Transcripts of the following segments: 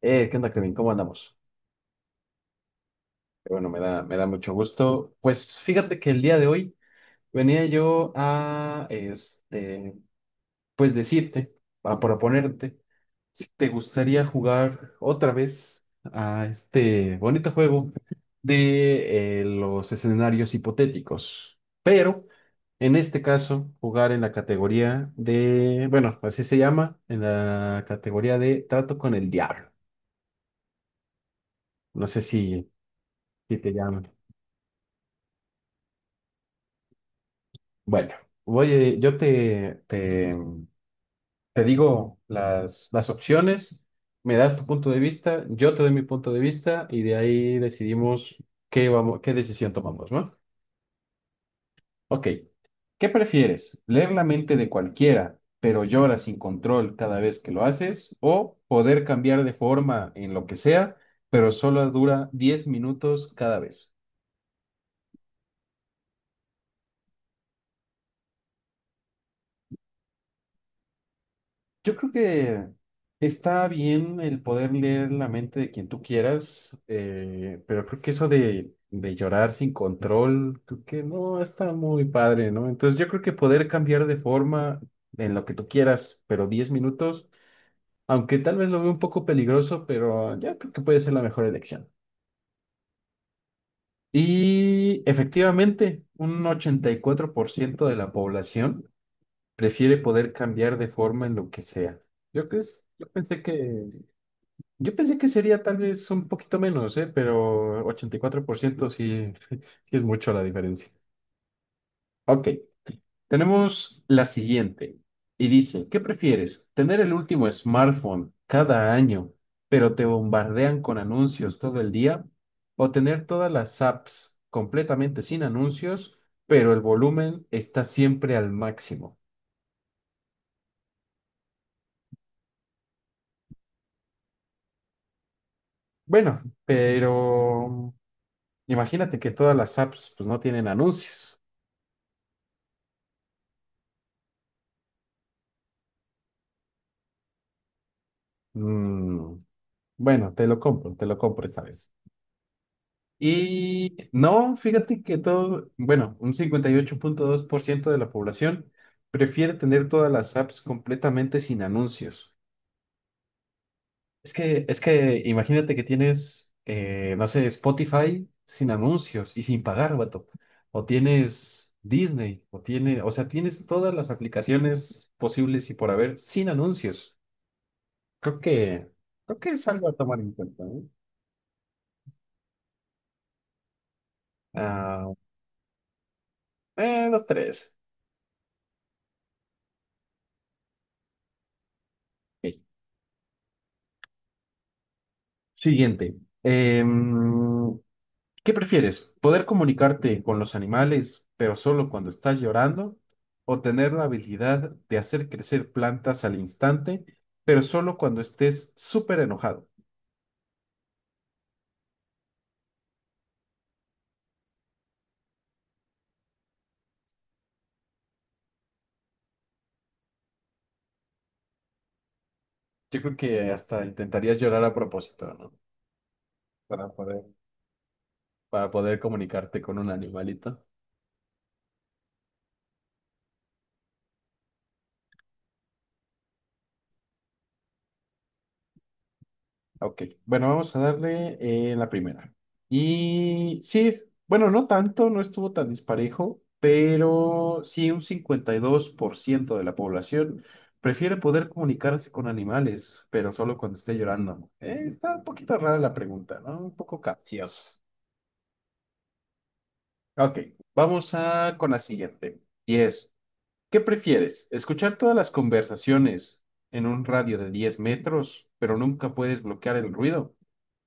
¿Qué onda, Kevin? ¿Cómo andamos? Bueno, me da mucho gusto. Pues fíjate que el día de hoy venía yo a, pues decirte, a proponerte, si te gustaría jugar otra vez a este bonito juego de los escenarios hipotéticos, pero en este caso jugar en la categoría de, bueno, así se llama, en la categoría de trato con el diablo. No sé si te llaman. Bueno, voy, yo te digo las opciones, me das tu punto de vista, yo te doy mi punto de vista y de ahí decidimos qué decisión tomamos, ¿no? Ok, ¿qué prefieres? ¿Leer la mente de cualquiera, pero llora sin control cada vez que lo haces? ¿O poder cambiar de forma en lo que sea, pero solo dura 10 minutos cada vez? Yo creo que está bien el poder leer la mente de quien tú quieras, pero creo que eso de llorar sin control, creo que no está muy padre, ¿no? Entonces yo creo que poder cambiar de forma en lo que tú quieras, pero 10 minutos, aunque tal vez lo veo un poco peligroso, pero yo creo que puede ser la mejor elección. Y efectivamente, un 84% de la población prefiere poder cambiar de forma en lo que sea. Yo, creo, yo pensé que Yo pensé que sería tal vez un poquito menos, ¿eh? Pero 84% sí, sí es mucho la diferencia. Ok, tenemos la siguiente. Y dice, ¿qué prefieres? ¿Tener el último smartphone cada año, pero te bombardean con anuncios todo el día? ¿O tener todas las apps completamente sin anuncios, pero el volumen está siempre al máximo? Bueno, pero imagínate que todas las apps pues no tienen anuncios. Mm, Bueno, te lo compro esta vez. Y no, fíjate que todo, bueno, un 58,2% de la población prefiere tener todas las apps completamente sin anuncios. Es que imagínate que tienes, no sé, Spotify sin anuncios y sin pagar, vato. O tienes Disney, o sea, tienes todas las aplicaciones posibles y por haber sin anuncios. Creo que, creo que es algo a tomar en cuenta, ¿eh? Ah, los tres. Ok. Siguiente. Em, ¿Qué prefieres? ¿Poder comunicarte con los animales, pero solo cuando estás llorando? ¿O tener la habilidad de hacer crecer plantas al instante, pero solo cuando estés súper enojado? Yo creo que hasta intentarías llorar a propósito, ¿no? Para poder, para poder comunicarte con un animalito. Ok, bueno, vamos a darle la primera. Y sí, bueno, no tanto, no estuvo tan disparejo, pero sí un 52% de la población prefiere poder comunicarse con animales, pero solo cuando esté llorando. Está un poquito rara la pregunta, ¿no? Un poco capciosa. Ok, vamos a con la siguiente. Y es, ¿qué prefieres? ¿Escuchar todas las conversaciones en un radio de 10 metros, pero nunca puedes bloquear el ruido?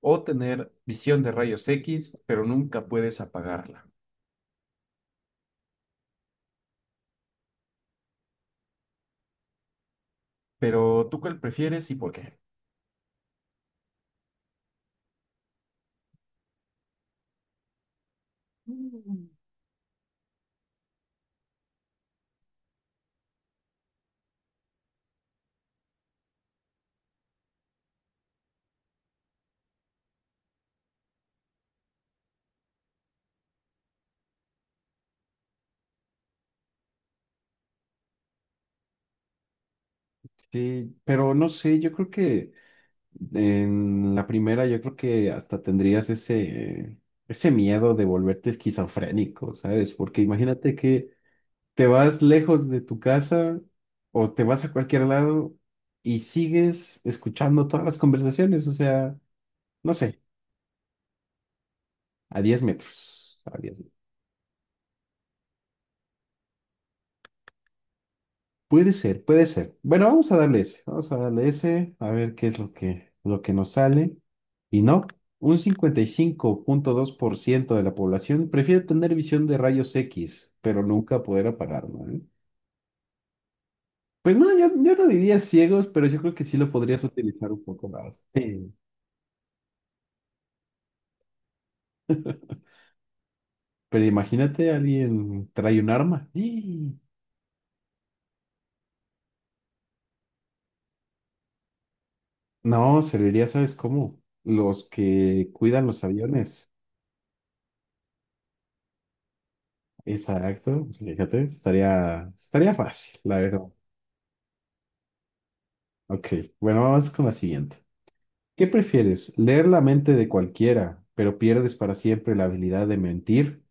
¿O tener visión de rayos X, pero nunca puedes apagarla? Pero ¿tú cuál prefieres y por qué? Sí, pero no sé, yo creo que en la primera, yo creo que hasta tendrías ese miedo de volverte esquizofrénico, ¿sabes? Porque imagínate que te vas lejos de tu casa o te vas a cualquier lado y sigues escuchando todas las conversaciones, o sea, no sé, a 10 metros, a 10 metros. Puede ser, puede ser. Bueno, vamos a darle ese, vamos a darle ese, a ver qué es lo que nos sale. Y no, un 55,2% de la población prefiere tener visión de rayos X, pero nunca poder apagarlo, ¿eh? Pues no, yo no diría ciegos, pero yo creo que sí lo podrías utilizar un poco más. Sí. Pero imagínate, alguien trae un arma. ¡Y! No, serviría, ¿sabes cómo? Los que cuidan los aviones. Exacto, pues fíjate, estaría fácil, la verdad. Ok, bueno, vamos con la siguiente. ¿Qué prefieres? ¿Leer la mente de cualquiera, pero pierdes para siempre la habilidad de mentir?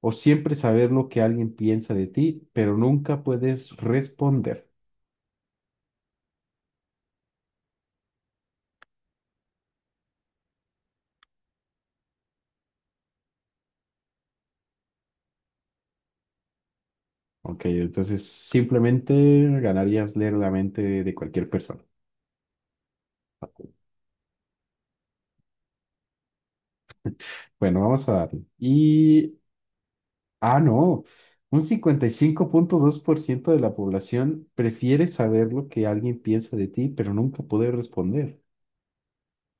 ¿O siempre saber lo que alguien piensa de ti, pero nunca puedes responder? Ok, entonces simplemente ganarías leer la mente de cualquier persona. Bueno, vamos a darle. Y, ah, no, un 55,2% de la población prefiere saber lo que alguien piensa de ti, pero nunca poder responder.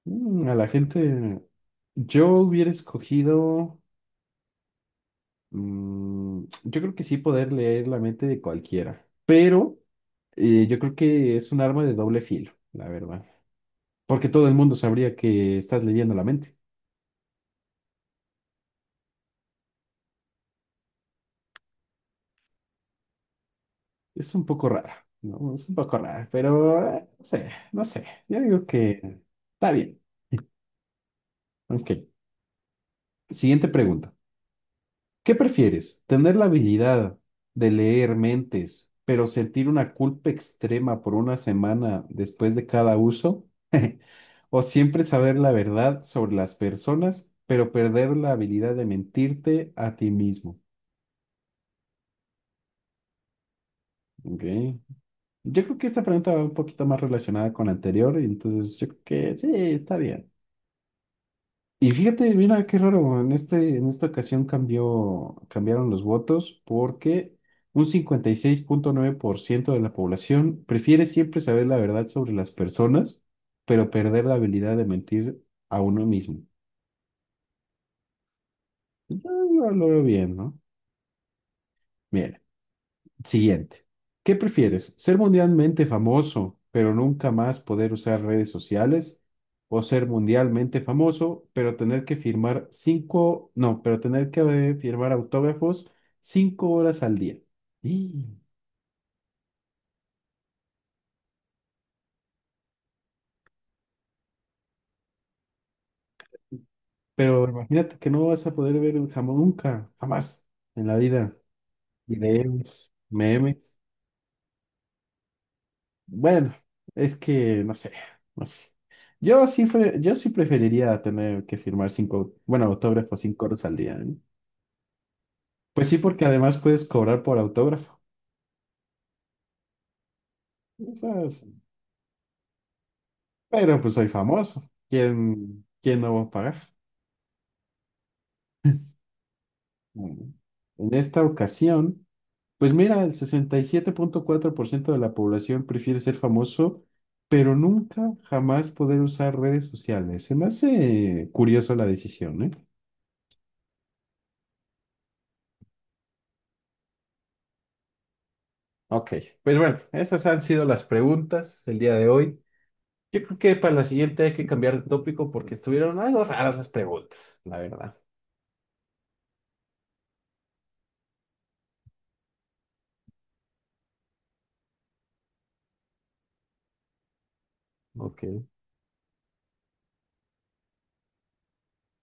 Mm, a la gente, yo hubiera escogido, yo creo que sí poder leer la mente de cualquiera, pero yo creo que es un arma de doble filo, la verdad, porque todo el mundo sabría que estás leyendo la mente. Es un poco rara, ¿no? Es un poco rara, pero no sé, no sé. Yo digo que está bien. Ok, siguiente pregunta. ¿Qué prefieres? ¿Tener la habilidad de leer mentes, pero sentir una culpa extrema por una semana después de cada uso? ¿O siempre saber la verdad sobre las personas, pero perder la habilidad de mentirte a ti mismo? Ok. Yo creo que esta pregunta va un poquito más relacionada con la anterior, y entonces yo creo que sí, está bien. Y fíjate, mira qué raro, en esta ocasión cambiaron los votos porque un 56,9% de la población prefiere siempre saber la verdad sobre las personas, pero perder la habilidad de mentir a uno mismo. Yo, yo lo veo bien, ¿no? Bien. Siguiente. ¿Qué prefieres? ¿Ser mundialmente famoso, pero nunca más poder usar redes sociales? ¿O ser mundialmente famoso, pero tener que firmar cinco, no, pero tener que firmar autógrafos 5 horas al día? Y, pero imagínate que no vas a poder ver jamás, nunca, jamás en la vida videos, memes. Bueno, es que no sé, no sé. Yo sí preferiría tener que firmar cinco, bueno, autógrafos 5 horas al día, ¿eh? Pues sí, porque además puedes cobrar por autógrafo. O es- Pero pues soy famoso. ¿Quién no va a pagar? Mm. En esta ocasión, pues mira, el 67,4% de la población prefiere ser famoso, pero nunca, jamás poder usar redes sociales. Se me hace curioso la decisión, ¿eh? Ok, pues bueno, esas han sido las preguntas del día de hoy. Yo creo que para la siguiente hay que cambiar de tópico porque estuvieron algo raras las preguntas, la verdad. Ok.